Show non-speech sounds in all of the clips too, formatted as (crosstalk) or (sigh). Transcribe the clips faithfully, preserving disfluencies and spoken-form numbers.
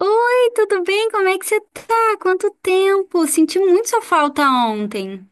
Oi, tudo bem? Como é que você tá? Quanto tempo? Senti muito sua falta ontem.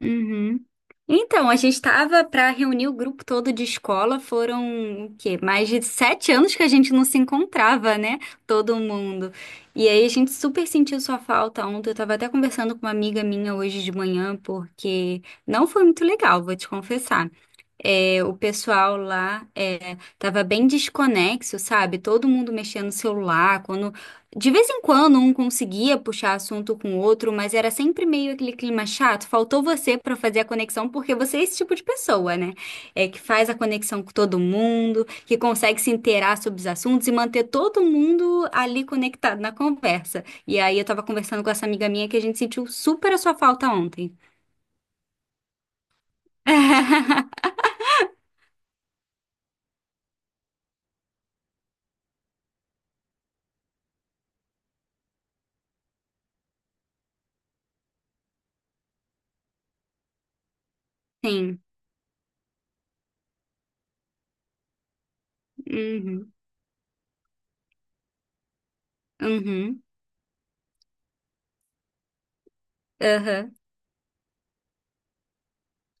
Uhum. Então, a gente tava pra reunir o grupo todo de escola. Foram o quê? Mais de sete anos que a gente não se encontrava, né? Todo mundo. E aí a gente super sentiu sua falta ontem. Eu tava até conversando com uma amiga minha hoje de manhã, porque não foi muito legal, vou te confessar. É, o pessoal lá é, tava bem desconexo, sabe? Todo mundo mexendo no celular. Quando De vez em quando um conseguia puxar assunto com o outro, mas era sempre meio aquele clima chato. Faltou você pra fazer a conexão, porque você é esse tipo de pessoa, né? É que faz a conexão com todo mundo, que consegue se inteirar sobre os assuntos e manter todo mundo ali conectado na conversa. E aí eu tava conversando com essa amiga minha que a gente sentiu super a sua falta ontem. (laughs) Sim. Uhum. Uhum. Aham.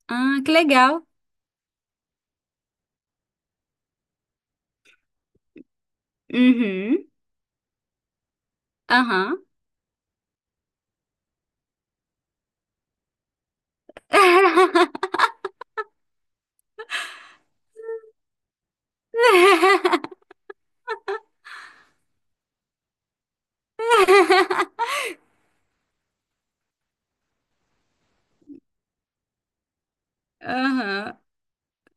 Ah, que legal. Uhum. Aham. (laughs) Aham.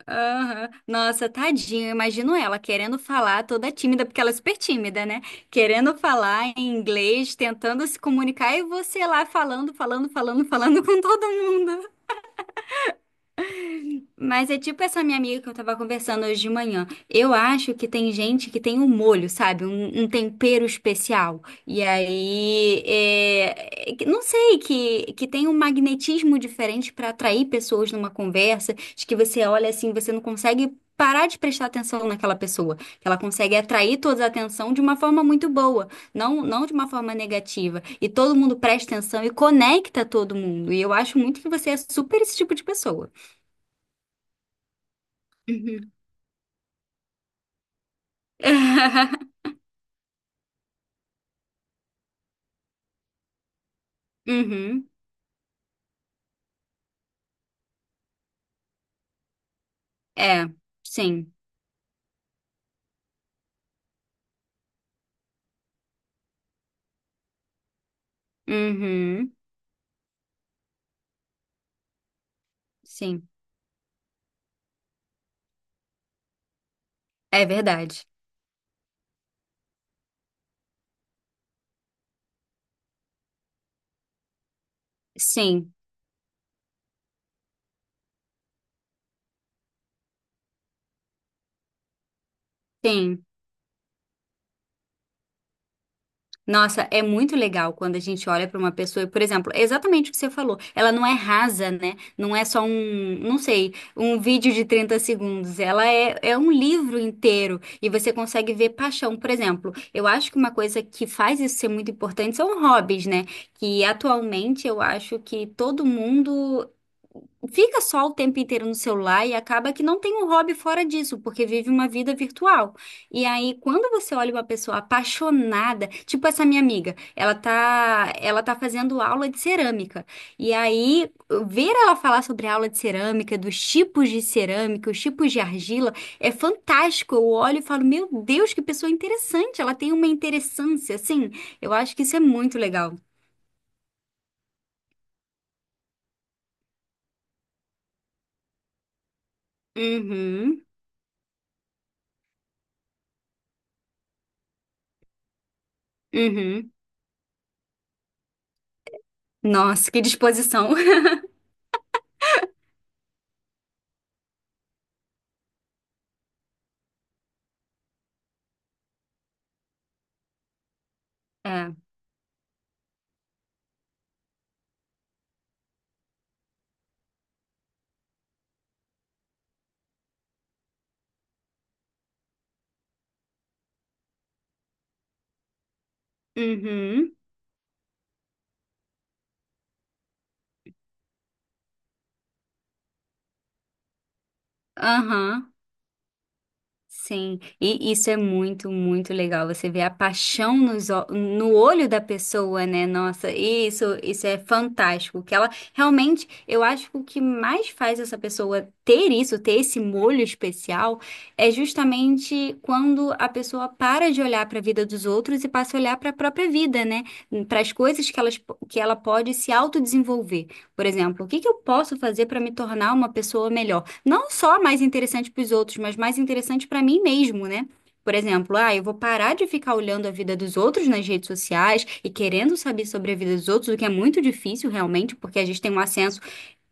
Aham. Nossa, tadinho, eu imagino ela querendo falar, toda tímida, porque ela é super tímida, né? Querendo falar em inglês, tentando se comunicar, e você lá falando, falando, falando, falando com todo mundo. Mas é tipo essa minha amiga que eu tava conversando hoje de manhã. Eu acho que tem gente que tem um molho, sabe? Um, um tempero especial. E aí, é, é que- não sei, que, que tem um magnetismo diferente pra atrair pessoas numa conversa, de que você olha assim, você não consegue parar de prestar atenção naquela pessoa. Que ela consegue atrair toda a atenção de uma forma muito boa, não, não de uma forma negativa. E todo mundo presta atenção e conecta todo mundo. E eu acho muito que você é super esse tipo de pessoa. (laughs) Uhum. É, sim. Uhum. Sim. É verdade. Sim, sim. Nossa, é muito legal quando a gente olha para uma pessoa, e, por exemplo, é exatamente o que você falou. Ela não é rasa, né? Não é só um, não sei, um vídeo de trinta segundos. Ela é, é um livro inteiro e você consegue ver paixão. Por exemplo, eu acho que uma coisa que faz isso ser muito importante são hobbies, né? Que atualmente eu acho que todo mundo fica só o tempo inteiro no celular e acaba que não tem um hobby fora disso, porque vive uma vida virtual. E aí, quando você olha uma pessoa apaixonada, tipo essa minha amiga, ela tá, ela tá fazendo aula de cerâmica. E aí, ver ela falar sobre a aula de cerâmica, dos tipos de cerâmica, os tipos de argila, é fantástico. Eu olho e falo, meu Deus, que pessoa interessante. Ela tem uma interessância, assim. Eu acho que isso é muito legal. Uhum, uhum. Nossa, que disposição. (laughs) É. Uhum, aham. Sim, e isso é muito, muito legal. Você vê a paixão nos, ó- no olho da pessoa, né? Nossa, isso, isso é fantástico. Que ela realmente, eu acho que o que mais faz essa pessoa ter isso, ter esse molho especial, é justamente quando a pessoa para de olhar para a vida dos outros e passa a olhar para a própria vida, né? Para as coisas que elas, que ela pode se autodesenvolver. Por exemplo, o que que eu posso fazer para me tornar uma pessoa melhor? Não só mais interessante para os outros, mas mais interessante para mim mesmo, né? Por exemplo, ah, eu vou parar de ficar olhando a vida dos outros nas redes sociais e querendo saber sobre a vida dos outros, o que é muito difícil realmente, porque a gente tem um acesso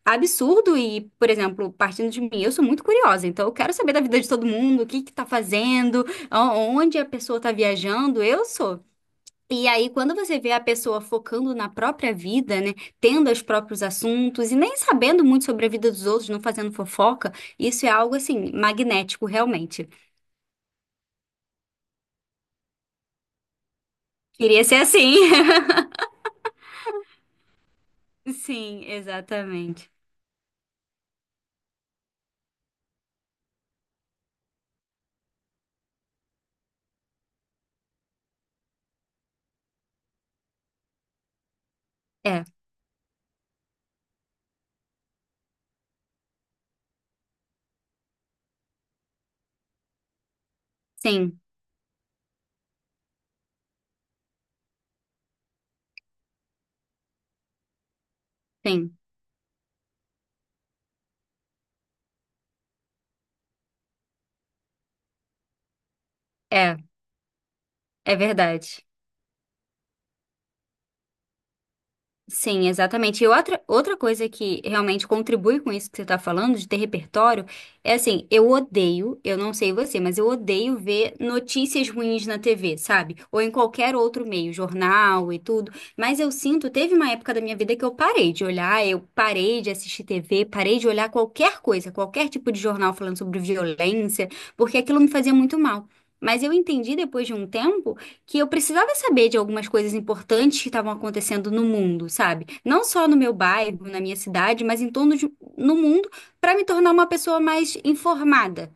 absurdo e, por exemplo, partindo de mim, eu sou muito curiosa, então eu quero saber da vida de todo mundo, o que que tá fazendo, a- onde a pessoa tá viajando, eu sou. E aí, quando você vê a pessoa focando na própria vida, né, tendo os próprios assuntos e nem sabendo muito sobre a vida dos outros, não fazendo fofoca, isso é algo assim, magnético, realmente. Queria ser assim. (laughs) Sim, exatamente. É, sim, sim, é, é verdade. Sim, exatamente. E outra, outra coisa que realmente contribui com isso que você está falando, de ter repertório, é assim, eu odeio, eu não sei você, mas eu odeio ver notícias ruins na T V, sabe? Ou em qualquer outro meio, jornal e tudo. Mas eu sinto, teve uma época da minha vida que eu parei de olhar, eu parei de assistir T V, parei de olhar qualquer coisa, qualquer tipo de jornal falando sobre violência, porque aquilo me fazia muito mal. Mas eu entendi depois de um tempo que eu precisava saber de algumas coisas importantes que estavam acontecendo no mundo, sabe? Não só no meu bairro, na minha cidade, mas em torno de, no mundo, para me tornar uma pessoa mais informada.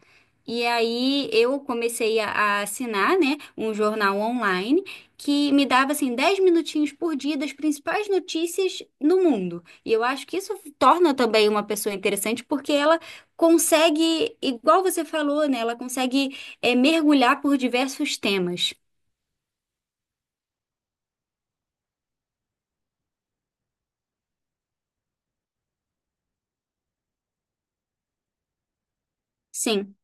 E aí eu comecei a, a assinar, né, um jornal online que me dava assim dez minutinhos por dia das principais notícias no mundo. E eu acho que isso torna também uma pessoa interessante porque ela consegue, igual você falou, né, ela consegue é, mergulhar por diversos temas. Sim.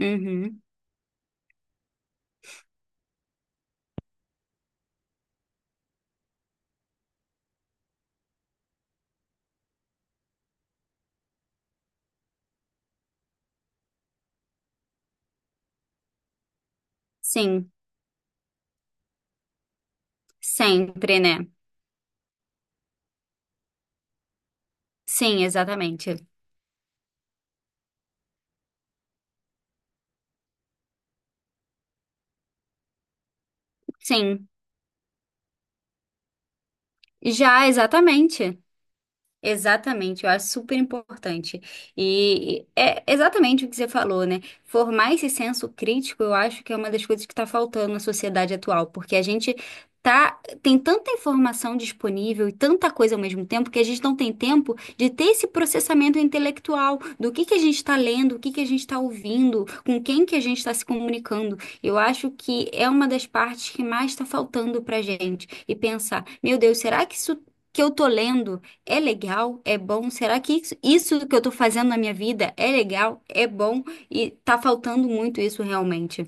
Uhum. Sim. Sempre, né? Sim, exatamente. Sim. Já, exatamente. Exatamente, eu acho super importante. E é exatamente o que você falou, né? Formar esse senso crítico, eu acho que é uma das coisas que está faltando na sociedade atual, porque a gente tá, tem tanta informação disponível e tanta coisa ao mesmo tempo que a gente não tem tempo de ter esse processamento intelectual do que que a gente está lendo, o que que a gente está ouvindo, com quem que a gente está se comunicando. Eu acho que é uma das partes que mais está faltando para gente. E pensar, meu Deus, será que isso que eu tô lendo é legal? É bom? Será que isso isso que eu tô fazendo na minha vida é legal? É bom? E tá faltando muito isso realmente.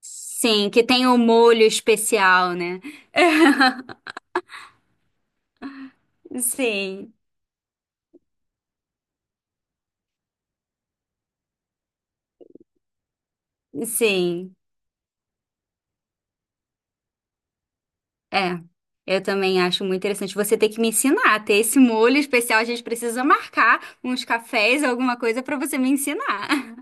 Sim, que tem o molho especial, né? (laughs) Sim, sim. É. Eu também acho muito interessante. Você tem que me ensinar a ter esse molho especial. A gente precisa marcar uns cafés, alguma coisa pra você me ensinar.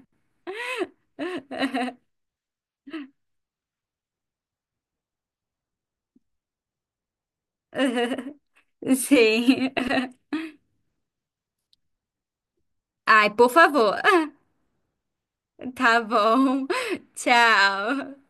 (laughs) Sim. Ai, por favor. (laughs) Tá bom. Tchau.